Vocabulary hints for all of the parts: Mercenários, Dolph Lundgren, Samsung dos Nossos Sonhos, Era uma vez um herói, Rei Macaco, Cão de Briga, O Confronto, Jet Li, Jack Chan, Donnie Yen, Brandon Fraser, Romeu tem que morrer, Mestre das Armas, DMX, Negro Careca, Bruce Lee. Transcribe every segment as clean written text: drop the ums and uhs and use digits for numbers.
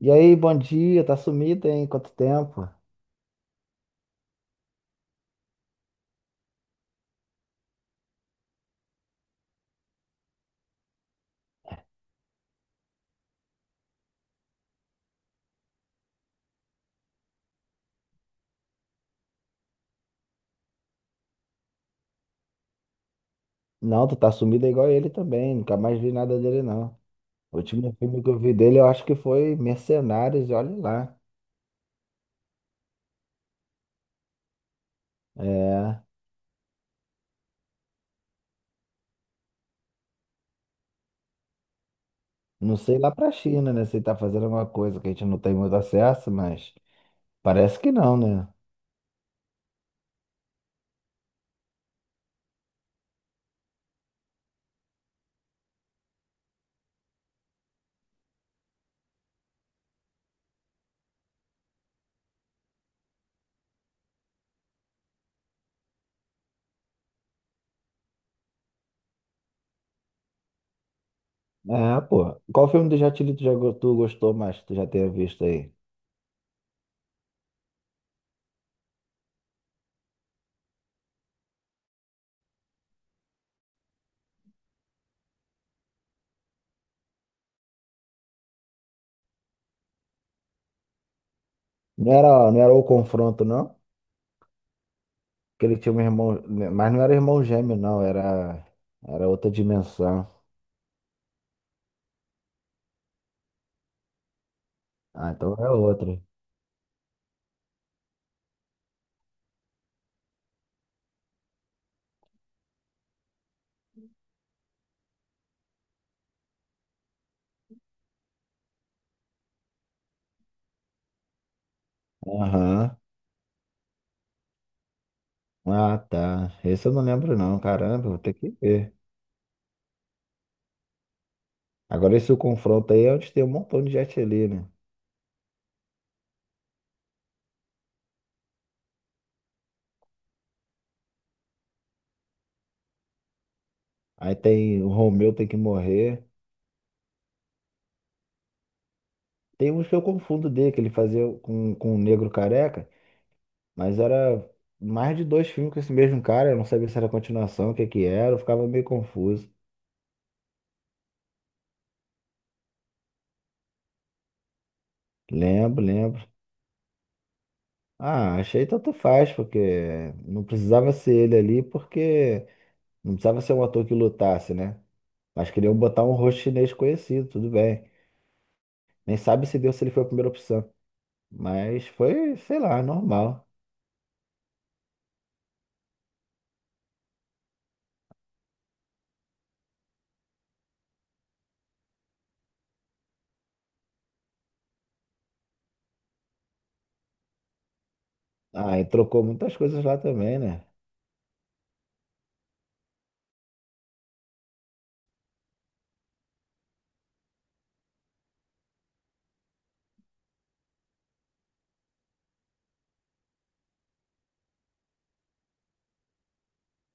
E aí, bom dia, tá sumido, hein? Quanto tempo? Não, tu tá sumido igual ele também, nunca mais vi nada dele, não. O último filme que eu vi dele, eu acho que foi Mercenários, e olha lá. É, não sei lá pra China, né, se ele tá fazendo alguma coisa que a gente não tem muito acesso, mas parece que não, né? É, pô. Qual filme do Jet Li tu gostou mais, que tu já tenha visto aí? Não era O Confronto, não? Que ele tinha um irmão, mas não era irmão gêmeo, não, era outra dimensão. Ah, então é outra. Aham. Ah, tá. Esse eu não lembro não, caramba, vou ter que ver. Agora esse confronto aí é onde tem um montão de gente ali, né? Aí tem o Romeu tem que morrer. Tem uns que eu confundo dele, que ele fazia com o Negro Careca, mas era mais de dois filmes com esse mesmo cara, eu não sabia se era continuação, o que que era, eu ficava meio confuso. Lembro, lembro. Ah, achei tanto faz, porque não precisava ser ele ali, porque não precisava ser um ator que lutasse, né? Mas queriam botar um rosto chinês conhecido, tudo bem. Nem sabe se deu se ele foi a primeira opção. Mas foi, sei lá, normal. Ah, e trocou muitas coisas lá também, né?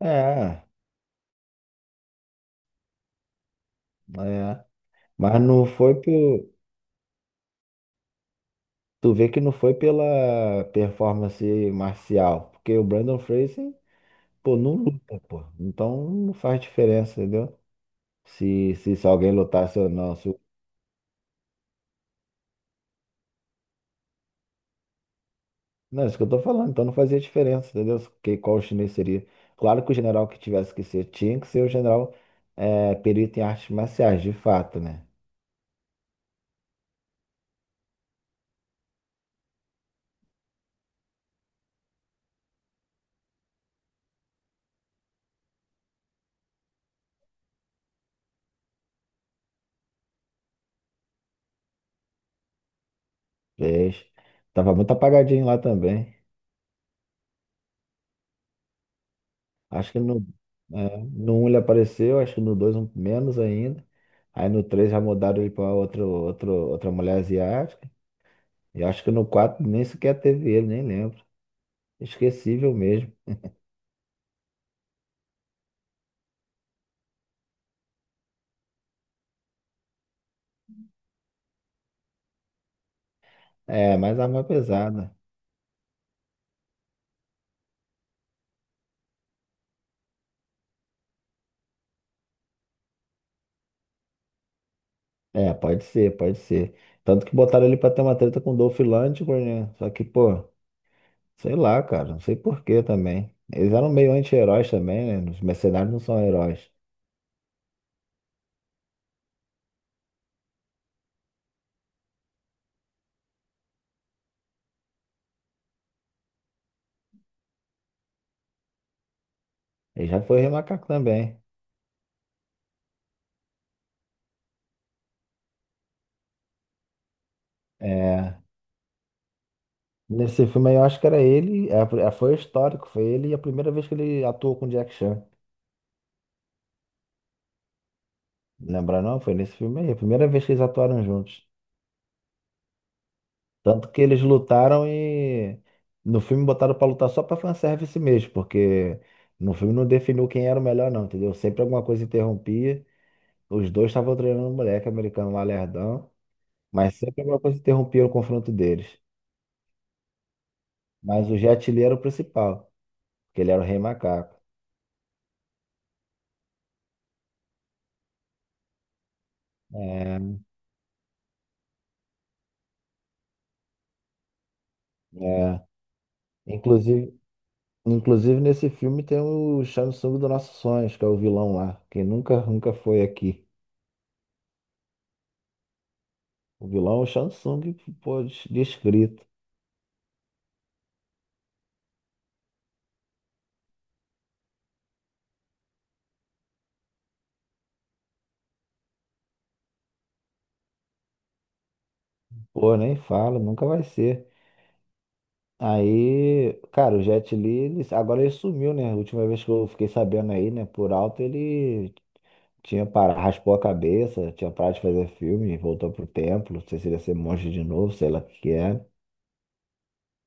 É, é. Mas não foi por. Tu vê que não foi pela performance marcial. Porque o Brandon Fraser, pô, não luta, pô. Então não faz diferença, entendeu? Se alguém lutasse ou não. Se, o- Não, é isso que eu tô falando. Então não fazia diferença, entendeu? Que, qual chinês seria. Claro que o general que tivesse que ser tinha que ser o general é, perito em artes marciais, de fato, né? Fez. Tava muito apagadinho lá também. Acho que no, é, no um ele apareceu, acho que no 2 um, menos ainda. Aí no 3 já mudaram ele pra outro, outra mulher asiática. E acho que no 4 nem sequer teve ele, nem lembro. Esquecível mesmo. É, mais arma é pesada. É, pode ser, pode ser. Tanto que botaram ele pra ter uma treta com o Dolph Lundgren, né? Só que, pô, sei lá, cara, não sei por quê também. Eles eram meio anti-heróis também, né? Os mercenários não são heróis. Ele já foi remacaco também. É, nesse filme aí eu acho que era ele, é, foi histórico, foi ele e a primeira vez que ele atuou com Jack Chan. Lembra não? Foi nesse filme aí, a primeira vez que eles atuaram juntos. Tanto que eles lutaram e no filme botaram pra lutar só pra fanservice mesmo, porque no filme não definiu quem era o melhor não, entendeu? Sempre alguma coisa interrompia. Os dois estavam treinando um moleque americano lá lerdão, mas sempre alguma coisa interrompia o confronto deles. Mas o Jet Li era o principal, porque ele era o Rei Macaco. É, é. Inclusive Inclusive, nesse filme tem o Samsung dos Nossos Sonhos, que é o vilão lá, que nunca, nunca foi aqui. O vilão é o Samsung, pô, descrito. Pô, nem fala, nunca vai ser. Aí, cara, o Jet Li, agora ele sumiu, né? A última vez que eu fiquei sabendo aí, né, por alto, ele tinha parado, raspou a cabeça, tinha parado de fazer filme, voltou pro templo, não sei se ele ia ser monge de novo, sei lá o que que era.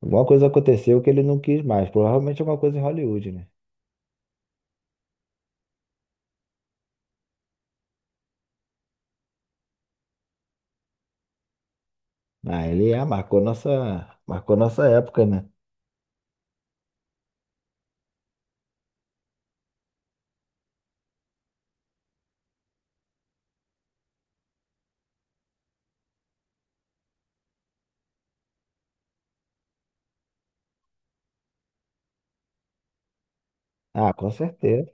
Alguma coisa aconteceu que ele não quis mais, provavelmente é uma coisa em Hollywood, né? Ah, marcou nossa época, né? Ah, com certeza.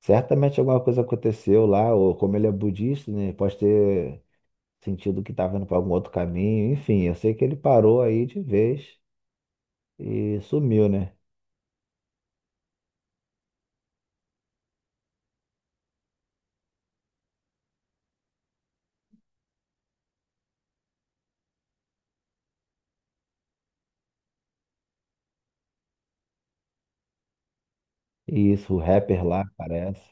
Certamente alguma coisa aconteceu lá, ou como ele é budista, né? Pode ter sentido que estava indo para algum outro caminho. Enfim, eu sei que ele parou aí de vez e sumiu, né? E isso, o rapper lá, parece.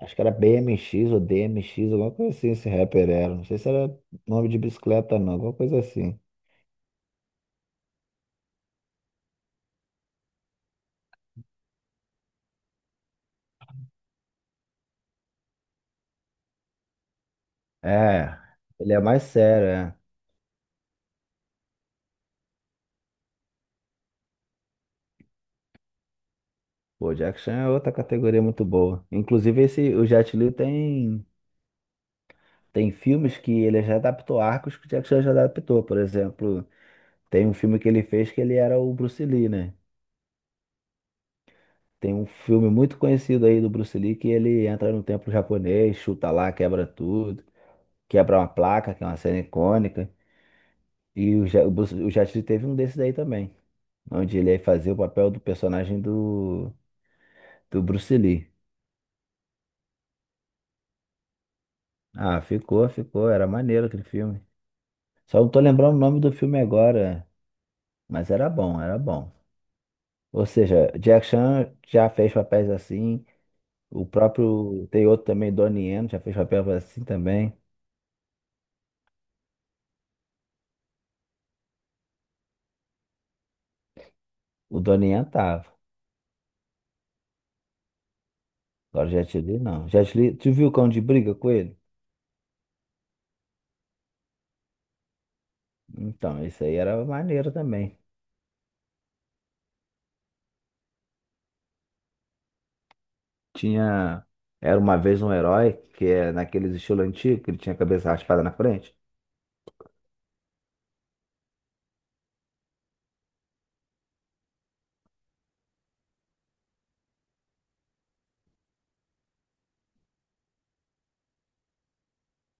Acho que era BMX ou DMX, alguma coisa assim, esse rapper era. Não sei se era nome de bicicleta, não, alguma coisa assim. É, ele é mais sério, é. Pô, o Jack Chan é outra categoria muito boa. Inclusive, esse, o Jet Li tem. Tem filmes que ele já adaptou arcos que o Jack Chan já adaptou. Por exemplo, tem um filme que ele fez que ele era o Bruce Lee, né? Tem um filme muito conhecido aí do Bruce Lee que ele entra no templo japonês, chuta lá, quebra tudo, quebra uma placa, que é uma cena icônica. E o, Ja- o, Bruce- o Jet Li teve um desses aí também, onde ele fazia o papel do personagem do Bruce Lee. Ah, ficou, ficou. Era maneiro aquele filme. Só não tô lembrando o nome do filme agora, mas era bom, era bom. Ou seja, Jack Chan já fez papéis assim. O próprio. Tem outro também, Donnie Yen, já fez papel assim também. O Donnie Yen tava. Agora o Jet Li não. Jet Li, tu viu o Cão de Briga com ele? Então, isso aí era maneiro também. Tinha. Era uma vez um herói, que é naqueles estilo antigo, que ele tinha a cabeça raspada na frente.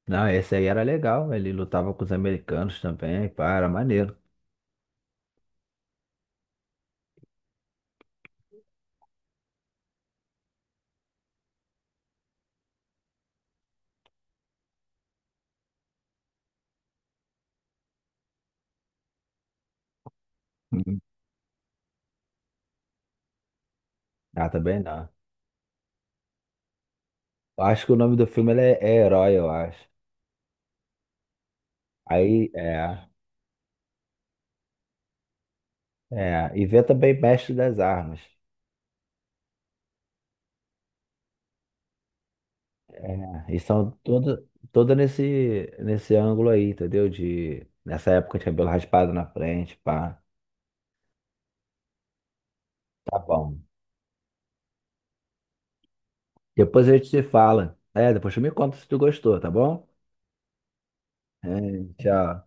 Não, esse aí era legal. Ele lutava com os americanos também. Pá, era maneiro. Uhum. Ah, também não. Eu acho que o nome do filme ele é, é Herói, eu acho. Aí, é. É, e vê também Mestre das Armas. São toda nesse ângulo aí, entendeu? De, nessa época de cabelo raspado na frente, pá. Tá bom. Depois a gente se fala. É, depois tu me conta se tu gostou, tá bom? É, tchau.